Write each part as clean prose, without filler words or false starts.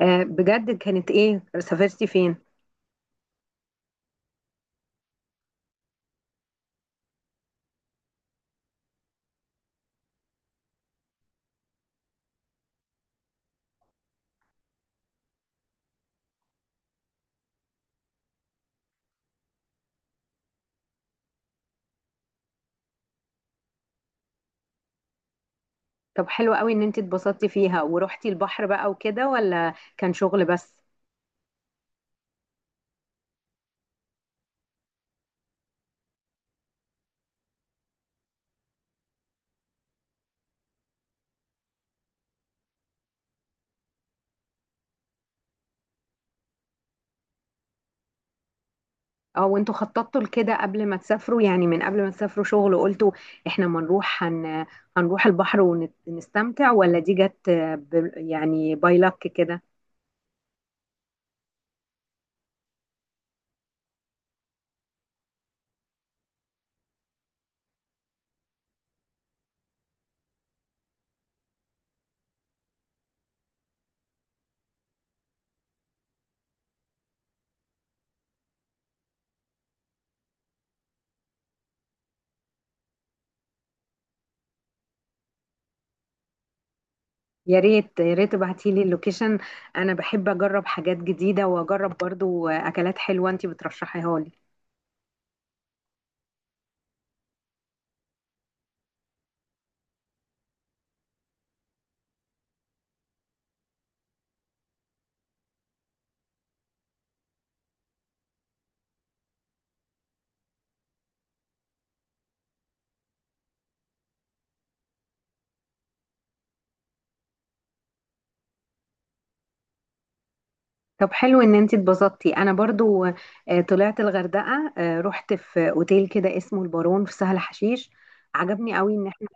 بجد؟ كانت ايه؟ سافرتي فين؟ طب حلو قوي ان انت اتبسطتي فيها ورحتي البحر بقى وكده، ولا كان شغل بس؟ او انتوا خططتوا لكده قبل ما تسافروا؟ يعني من قبل ما تسافروا شغل وقلتوا احنا ما نروح هن... هنروح البحر ونستمتع، ولا دي جت يعني باي لك كده؟ يا ريت يا ريت ابعتي لي اللوكيشن. انا بحب اجرب حاجات جديدة، واجرب برضو اكلات حلوة انت بترشحيها لي. طب حلو ان انت اتبسطتي. انا برضو طلعت الغردقه، رحت في اوتيل كده اسمه البارون في سهل حشيش. عجبني قوي ان احنا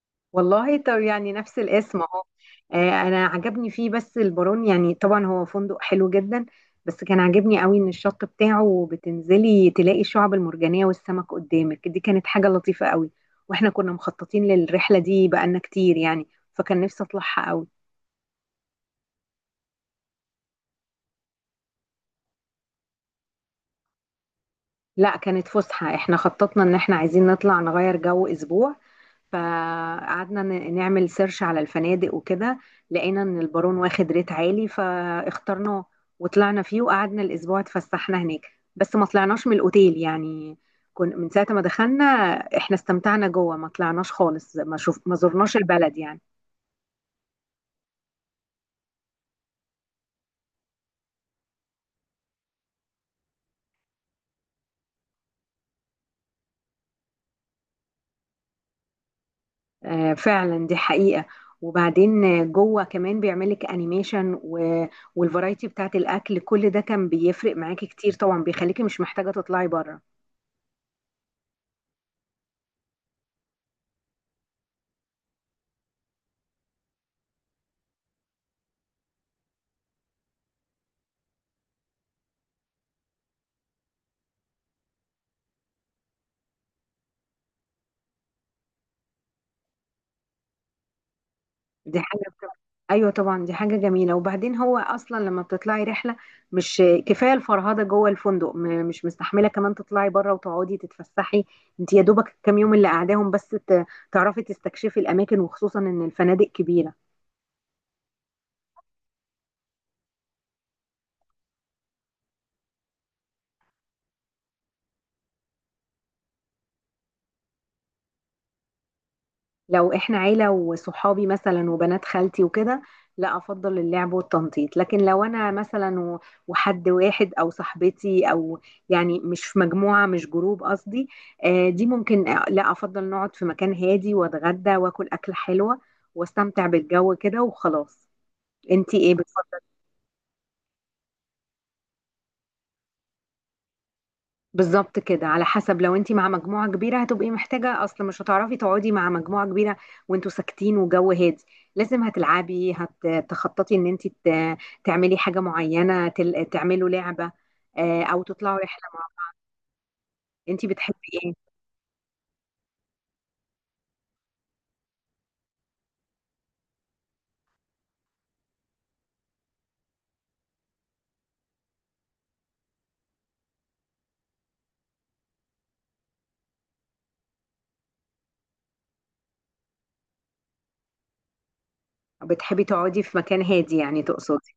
والله. طب يعني نفس الاسم اهو. انا عجبني فيه، بس البارون يعني طبعا هو فندق حلو جدا. بس كان عاجبني قوي ان الشط بتاعه بتنزلي تلاقي الشعب المرجانيه والسمك قدامك، دي كانت حاجه لطيفه قوي. واحنا كنا مخططين للرحله دي بقالنا كتير يعني، فكان نفسي اطلعها قوي. لا كانت فسحة، احنا خططنا ان احنا عايزين نطلع نغير جو اسبوع، فقعدنا نعمل سيرش على الفنادق وكده. لقينا ان البارون واخد ريت عالي فاخترناه، وطلعنا فيه وقعدنا الاسبوع اتفسحنا هناك. بس ما طلعناش من الاوتيل يعني، كن من ساعة ما دخلنا احنا استمتعنا جوه. ما طلعناش خالص، ما زرناش البلد يعني. فعلا دي حقيقة. وبعدين جوه كمان بيعملك انيميشن والفرايتي بتاعت الاكل، كل ده كان بيفرق معاكي كتير طبعا، بيخليكي مش محتاجة تطلعي بره. دي حاجة بتبقى- ايوه طبعا، دي حاجة جميلة. وبعدين هو اصلا لما بتطلعي رحلة، مش كفاية الفرهدة جوه الفندق؟ مش مستحملة كمان تطلعي بره وتقعدي تتفسحي. انت يا دوبك الكام يوم اللي قاعداهم بس تعرفي تستكشفي الاماكن، وخصوصا ان الفنادق كبيرة. لو احنا عيلة وصحابي مثلا وبنات خالتي وكده، لا افضل اللعب والتنطيط. لكن لو انا مثلا وحد واحد او صاحبتي، او يعني مش في مجموعة، مش جروب قصدي، دي ممكن، لا افضل نقعد في مكان هادي واتغدى واكل اكلة حلوة واستمتع بالجو كده وخلاص. انتي ايه؟ بالظبط كده، على حسب. لو انت مع مجموعة كبيرة هتبقي محتاجة، اصل مش هتعرفي تقعدي مع مجموعة كبيرة وانتوا ساكتين وجو هادي، لازم هتلعبي، هتخططي ان انت تعملي حاجة معينة، تعملوا لعبة او تطلعوا رحلة مع بعض. انت بتحبي ايه؟ بتحبي تقعدي في مكان هادي يعني تقصدي؟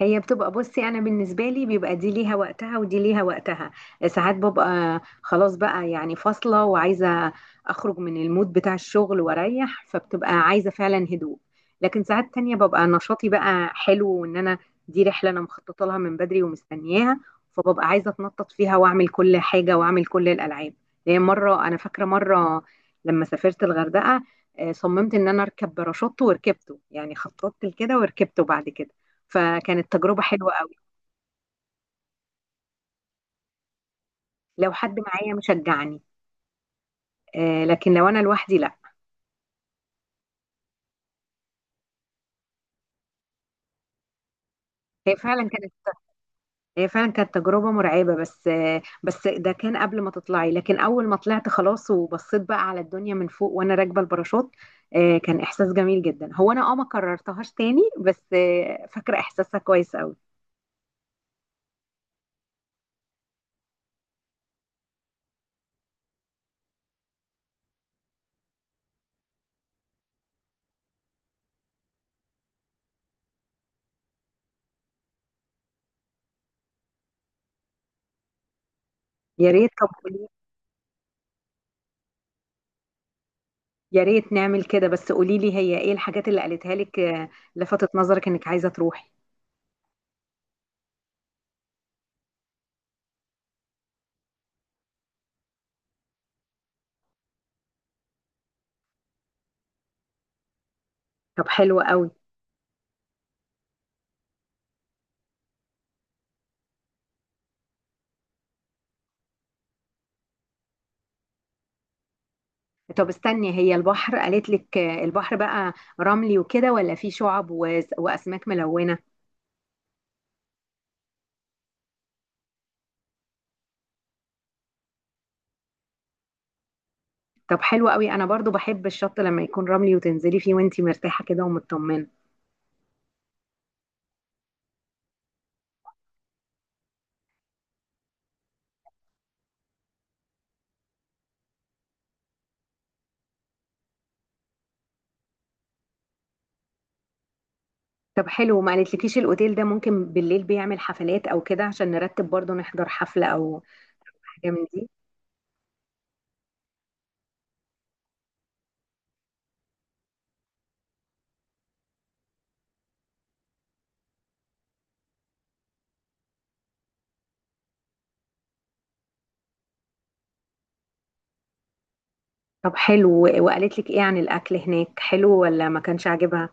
هي بتبقى، بصي انا بالنسبه لي بيبقى دي ليها وقتها ودي ليها وقتها. ساعات ببقى خلاص بقى يعني فاصله، وعايزه اخرج من المود بتاع الشغل واريح، فبتبقى عايزه فعلا هدوء. لكن ساعات تانية ببقى نشاطي بقى حلو، وان انا دي رحله انا مخططه لها من بدري ومستنياها، فببقى عايزه اتنطط فيها واعمل كل حاجه واعمل كل الالعاب. يعني مره، انا فاكره مره لما سافرت الغردقه، صممت ان انا اركب باراشوت وركبته. يعني خططت لكده وركبته بعد كده، فكانت تجربة حلوة قوي. لو حد معايا مشجعني، لكن لو أنا لوحدي لا. هي فعلا كانت هي فعلا كانت تجربة مرعبة، بس ده كان قبل ما تطلعي. لكن أول ما طلعت خلاص وبصيت بقى على الدنيا من فوق وأنا راكبة الباراشوت، كان إحساس جميل جدا. هو أنا ما كررتهاش تاني، بس فاكرة إحساسها كويس قوي. يا ريت، طب قولي. يا ريت نعمل كده، بس قولي لي هي ايه الحاجات اللي قالتها لك لفتت نظرك انك عايزة تروحي. طب حلو قوي. طب استني، هي البحر قالت لك البحر بقى رملي وكده، ولا فيه شعب واسماك ملونة؟ طب حلو قوي، انا برضو بحب الشط لما يكون رملي وتنزلي فيه وانتي مرتاحة كده ومطمنة. طب حلو، ما قالتلكيش الاوتيل ده ممكن بالليل بيعمل حفلات او كده؟ عشان نرتب برضو نحضر حفلة او حاجة من دي. طب حلو، وقالت لك ايه عن الاكل هناك، حلو ولا ما كانش عاجبها؟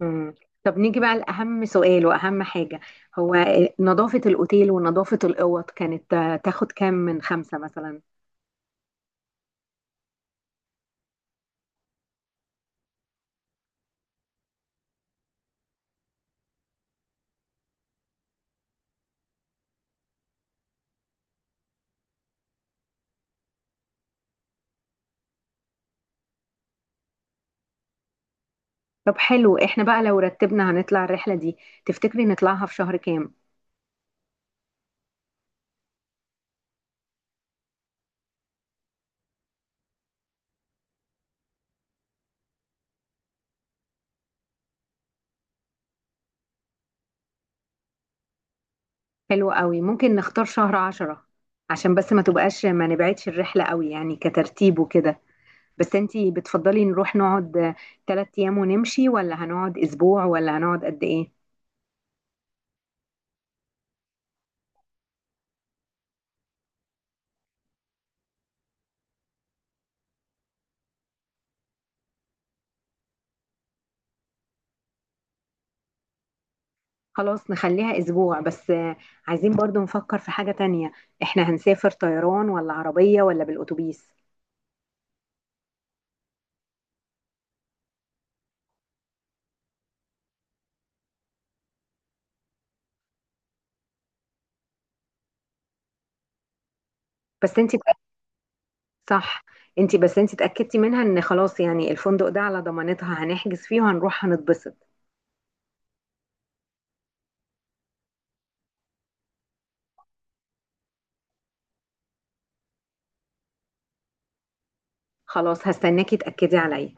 مم. طب نيجي بقى لأهم سؤال وأهم حاجة. هو نظافة الأوتيل ونظافة الأوض كانت تاخد كام من خمسة مثلا؟ طب حلو، احنا بقى لو رتبنا هنطلع الرحلة دي، تفتكري نطلعها في شهر كام؟ حلو قوي، ممكن نختار شهر 10، عشان بس ما تبقاش، ما نبعدش الرحلة قوي يعني كترتيب وكده. بس انتي بتفضلي نروح نقعد 3 ايام ونمشي، ولا هنقعد اسبوع، ولا هنقعد قد ايه؟ خلاص نخليها اسبوع. بس عايزين برضو نفكر في حاجة تانية، احنا هنسافر طيران ولا عربية ولا بالاتوبيس؟ بس انتي، صح. انت، بس انت اتأكدتي منها ان خلاص يعني الفندق ده على ضمانتها، هنحجز فيه وهنروح هنتبسط؟ خلاص هستناكي تأكدي عليا.